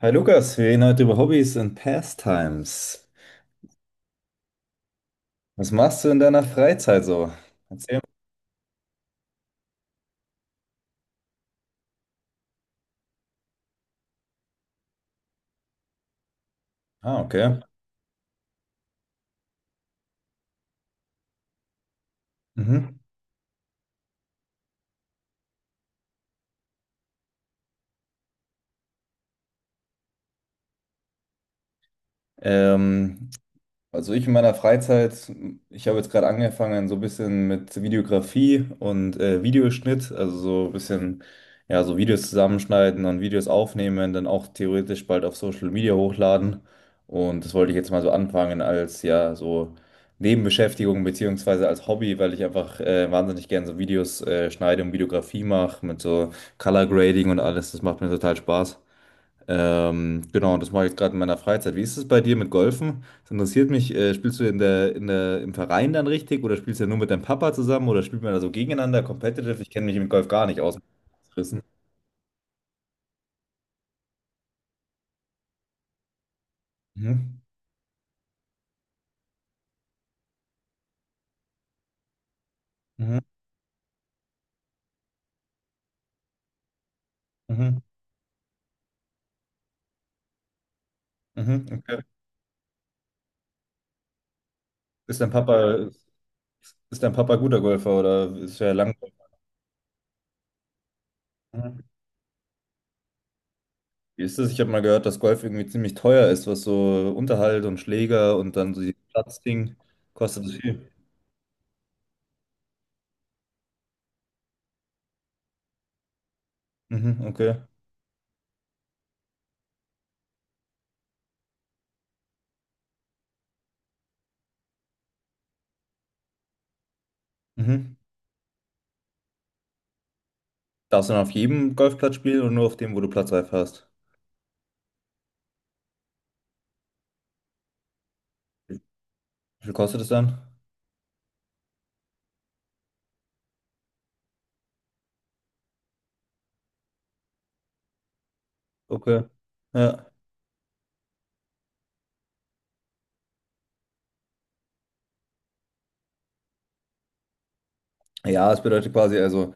Hi Lukas, wir reden heute über Hobbys und Pastimes. Was machst du in deiner Freizeit so? Erzähl mal. Ah, okay. Mhm. Ähm, Also ich in meiner Freizeit, ich habe jetzt gerade angefangen so ein bisschen mit Videografie und Videoschnitt, also so ein bisschen, ja, so Videos zusammenschneiden und Videos aufnehmen, dann auch theoretisch bald auf Social Media hochladen. Und das wollte ich jetzt mal so anfangen als, ja, so Nebenbeschäftigung beziehungsweise als Hobby, weil ich einfach wahnsinnig gerne so Videos schneide und Videografie mache mit so Color Grading und alles. Das macht mir total Spaß. Genau, das mache ich gerade in meiner Freizeit. Wie ist es bei dir mit Golfen? Das interessiert mich. Spielst du im Verein dann richtig oder spielst du ja nur mit deinem Papa zusammen oder spielt man da so gegeneinander, competitive? Ich kenne mich mit Golf gar nicht aus. Rissen. Mhm. Mhm. Mhm. Mhm. Okay. Ist dein Papa, ist dein Papa guter Golfer oder ist er lang? Mhm. Wie ist das? Ich habe mal gehört, dass Golf irgendwie ziemlich teuer ist, was so Unterhalt und Schläger und dann so die Platzding kostet das viel. Mhm. Okay. Mhm. Darfst du dann auf jedem Golfplatz spielen oder nur auf dem, wo du Platzreife hast? Wie viel kostet es dann? Okay. Ja. Ja, es bedeutet quasi, also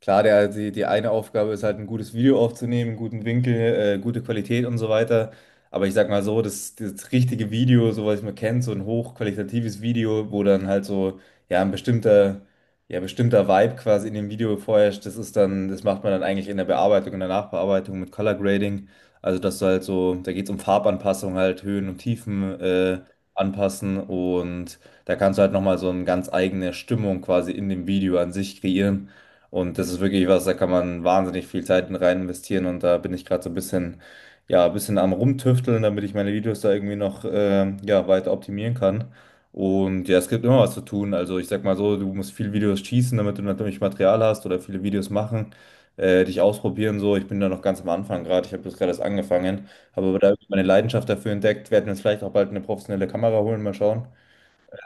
klar, die eine Aufgabe ist halt ein gutes Video aufzunehmen, einen guten Winkel, gute Qualität und so weiter. Aber ich sag mal so, das richtige Video, so was man kennt, so ein hochqualitatives Video, wo dann halt so, ja, ein bestimmter Vibe quasi in dem Video vorherrscht, das ist dann, das macht man dann eigentlich in der Bearbeitung, in der Nachbearbeitung mit Color Grading. Also, dass du halt so, da geht es um Farbanpassung halt, Höhen und Tiefen, anpassen und da kannst du halt nochmal so eine ganz eigene Stimmung quasi in dem Video an sich kreieren. Und das ist wirklich was, da kann man wahnsinnig viel Zeit rein investieren. Und da bin ich gerade so ein bisschen, ja, ein bisschen am Rumtüfteln, damit ich meine Videos da irgendwie noch, ja, weiter optimieren kann. Und ja, es gibt immer was zu tun. Also ich sag mal so, du musst viele Videos schießen, damit du natürlich Material hast oder viele Videos machen, dich ausprobieren so. Ich bin da noch ganz am Anfang gerade. Ich habe das gerade erst angefangen, habe aber da irgendwie meine Leidenschaft dafür entdeckt. Werden jetzt vielleicht auch bald eine professionelle Kamera holen, mal schauen.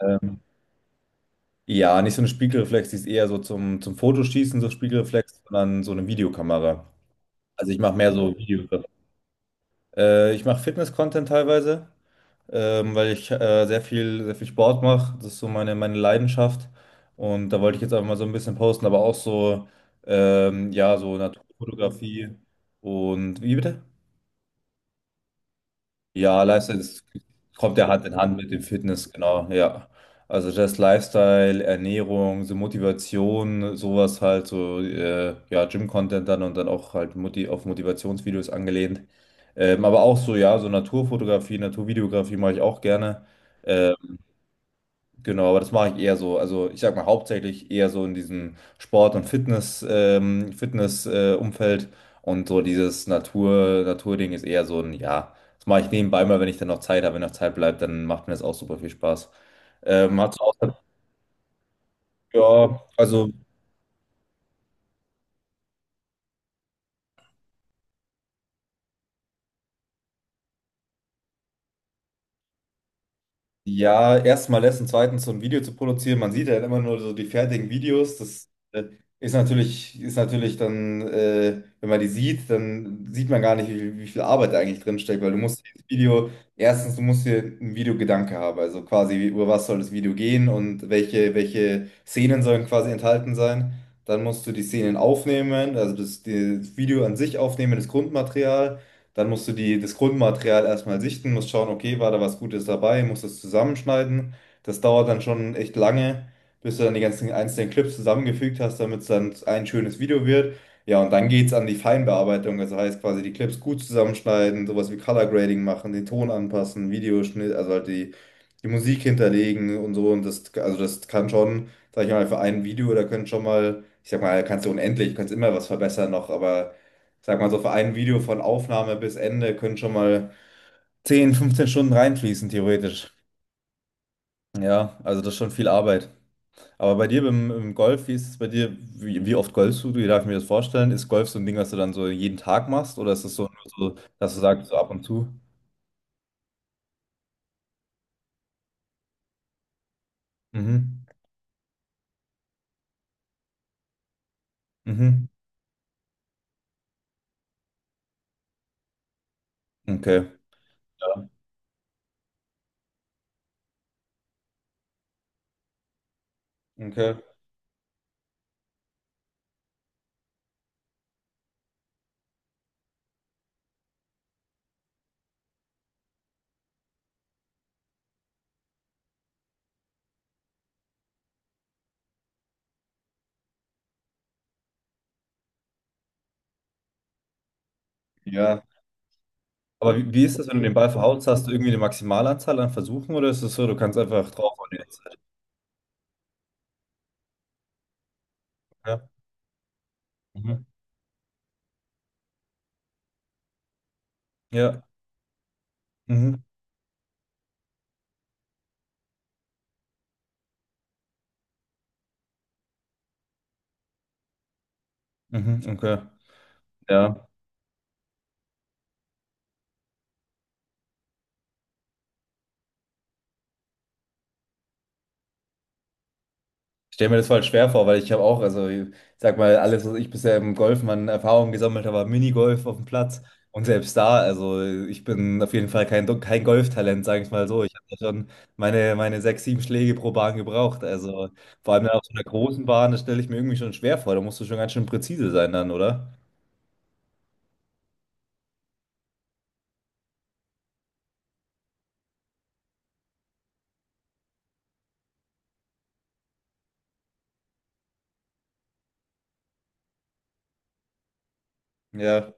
Ähm, ja, nicht so eine Spiegelreflex, die ist eher so zum, zum Fotoschießen, so Spiegelreflex, sondern so eine Videokamera. Also ich mache mehr so Videos. Ich mache Fitness-Content teilweise, weil ich sehr viel Sport mache. Das ist so meine, meine Leidenschaft. Und da wollte ich jetzt einfach mal so ein bisschen posten, aber auch so, ja, so Naturfotografie. Und wie bitte? Ja, Lifestyle das kommt ja Hand in Hand mit dem Fitness, genau, ja. Also das Lifestyle, Ernährung, so Motivation, sowas halt, so ja, Gym-Content dann und dann auch halt Motivationsvideos angelehnt. Aber auch so, ja, so Naturfotografie, Naturvideografie mache ich auch gerne. Ähm, Genau, aber das mache ich eher so. Also ich sag mal hauptsächlich eher so in diesem Sport- und Umfeld und so dieses Natur, Naturding ist eher so ein, ja, das mache ich nebenbei mal, wenn ich dann noch Zeit habe, wenn noch Zeit bleibt, dann macht mir das auch super viel Spaß. Hat's auch, ja, also ja, erstmal lässt und zweitens so ein Video zu produzieren. Man sieht ja immer nur so die fertigen Videos. Das ist natürlich, wenn man die sieht, dann sieht man gar nicht, wie viel Arbeit da eigentlich drin steckt, weil du musst dieses Video, erstens, du musst dir einen Videogedanke haben. Also quasi, über was soll das Video gehen und welche Szenen sollen quasi enthalten sein. Dann musst du die Szenen aufnehmen, also das, das Video an sich aufnehmen, das Grundmaterial. Dann musst du das Grundmaterial erstmal sichten, musst schauen, okay, war da was Gutes dabei, musst das zusammenschneiden. Das dauert dann schon echt lange, bis du dann die ganzen einzelnen Clips zusammengefügt hast, damit es dann ein schönes Video wird. Ja, und dann geht's an die Feinbearbeitung, also heißt quasi die Clips gut zusammenschneiden, sowas wie Color Grading machen, den Ton anpassen, Videoschnitt, also halt die, Musik hinterlegen und so. Und das, also das kann schon, sag ich mal, für ein Video, da können schon mal, ich sag mal, kannst du unendlich, kannst immer was verbessern noch, aber. Ich sag mal so, für ein Video von Aufnahme bis Ende können schon mal 10, 15 Stunden reinfließen, theoretisch. Ja, also das ist schon viel Arbeit. Aber bei dir beim, im Golf, wie ist es bei dir? Wie oft golfst du? Wie darf ich mir das vorstellen? Ist Golf so ein Ding, was du dann so jeden Tag machst? Oder ist es so, nur so, dass du sagst, so ab und zu? Mhm. Mhm. Okay. Ja. Okay. Ja. Aber wie ist das, wenn du den Ball verhaust? Hast du irgendwie eine Maximalanzahl an Versuchen oder ist es so, du kannst einfach draufhauen die ganze Zeit? Ja. Mhm. Ja. Mhm. Mhm. Okay. Ja. Ich stelle mir das voll schwer vor, weil ich habe auch, also ich sag mal, alles, was ich bisher im Golfen an Erfahrung gesammelt habe, war Minigolf auf dem Platz. Und selbst da, also ich bin auf jeden Fall kein, kein Golftalent, sage ich mal so. Ich habe ja schon meine sechs, sieben Schläge pro Bahn gebraucht. Also vor allem dann auf so einer großen Bahn, das stelle ich mir irgendwie schon schwer vor. Da musst du schon ganz schön präzise sein dann, oder? Ja.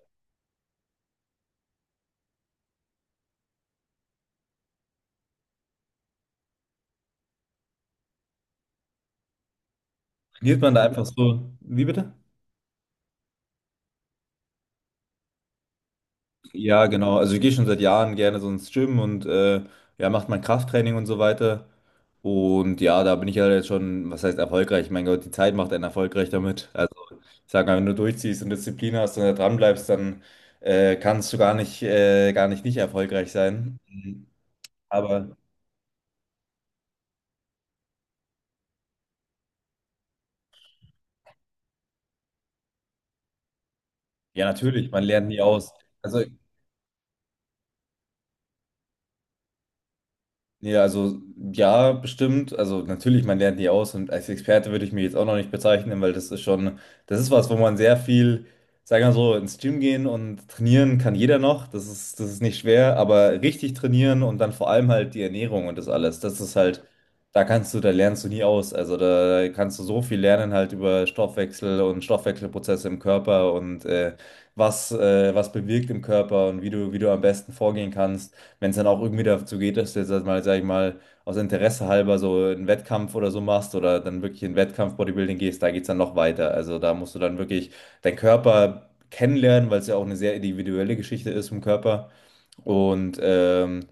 Trainiert man da einfach so. Wie bitte? Ja, genau. Also ich gehe schon seit Jahren gerne so ins Gym und ja, macht mein Krafttraining und so weiter. Und ja, da bin ich ja jetzt schon, was heißt erfolgreich? Mein Gott, die Zeit macht einen erfolgreich damit. Also ich sage mal, wenn du durchziehst und Disziplin hast und da dran bleibst, dann kannst du gar nicht nicht erfolgreich sein. Mhm. Aber ja, natürlich, man lernt nie aus. Also ja, also ja, bestimmt. Also natürlich, man lernt nie aus und als Experte würde ich mich jetzt auch noch nicht bezeichnen, weil das ist schon, das ist was, wo man sehr viel, sagen wir mal so, ins Gym gehen und trainieren kann jeder noch. Das ist nicht schwer, aber richtig trainieren und dann vor allem halt die Ernährung und das alles, das ist halt, da kannst du, da lernst du nie aus. Also da kannst du so viel lernen halt über Stoffwechsel und Stoffwechselprozesse im Körper und was bewirkt im Körper und wie du, wie, du am besten vorgehen kannst, wenn es dann auch irgendwie dazu geht, dass du jetzt halt mal, sag ich mal, aus Interesse halber so einen Wettkampf oder so machst oder dann wirklich in Wettkampf Bodybuilding gehst, da geht es dann noch weiter. Also da musst du dann wirklich deinen Körper kennenlernen, weil es ja auch eine sehr individuelle Geschichte ist vom Körper. Und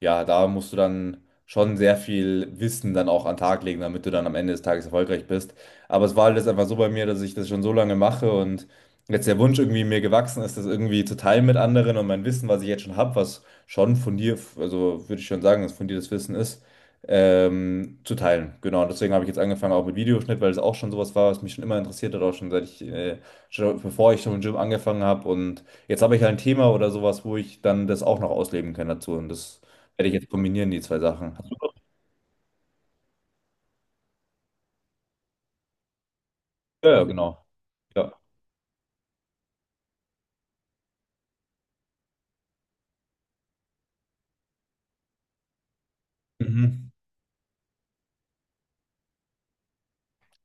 ja, da musst du dann schon sehr viel Wissen dann auch an den Tag legen, damit du dann am Ende des Tages erfolgreich bist. Aber es war halt jetzt einfach so bei mir, dass ich das schon so lange mache und jetzt der Wunsch irgendwie mir gewachsen ist, das irgendwie zu teilen mit anderen und mein Wissen, was ich jetzt schon habe, was schon von dir, also würde ich schon sagen, dass von dir das Wissen ist, zu teilen. Genau, und deswegen habe ich jetzt angefangen auch mit Videoschnitt, weil es auch schon sowas war, was mich schon immer interessiert hat, auch schon schon bevor ich schon im Gym angefangen habe und jetzt habe ich halt ein Thema oder sowas, wo ich dann das auch noch ausleben kann dazu. Und das werde ich jetzt kombinieren, die zwei Sachen. Hast du- Ja, ja, genau. Ja. Mhm.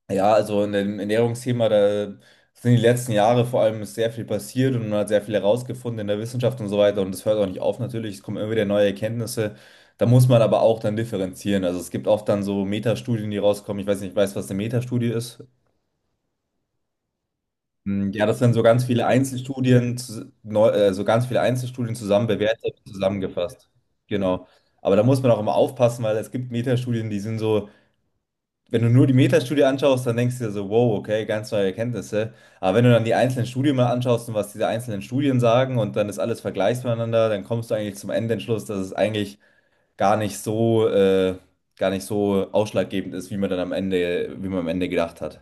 Ja, also in dem Ernährungsthema, da sind die letzten Jahre vor allem ist sehr viel passiert und man hat sehr viel herausgefunden in der Wissenschaft und so weiter. Und das hört auch nicht auf natürlich. Es kommen immer wieder neue Erkenntnisse. Da muss man aber auch dann differenzieren. Also es gibt oft dann so Metastudien, die rauskommen. Ich weiß nicht, weißt du, was eine Metastudie ist? Hm, ja, das sind so ganz viele Einzelstudien, so ganz viele Einzelstudien zusammen bewertet, zusammengefasst. Genau. Aber da muss man auch immer aufpassen, weil es gibt Metastudien, die sind so, wenn du nur die Metastudie anschaust, dann denkst du dir so, wow, okay, ganz neue Erkenntnisse. Aber wenn du dann die einzelnen Studien mal anschaust und was diese einzelnen Studien sagen und dann ist alles vergleichst miteinander, dann kommst du eigentlich zum Endentschluss, dass es eigentlich gar nicht so, äh, gar nicht so ausschlaggebend ist, wie man am Ende gedacht hat.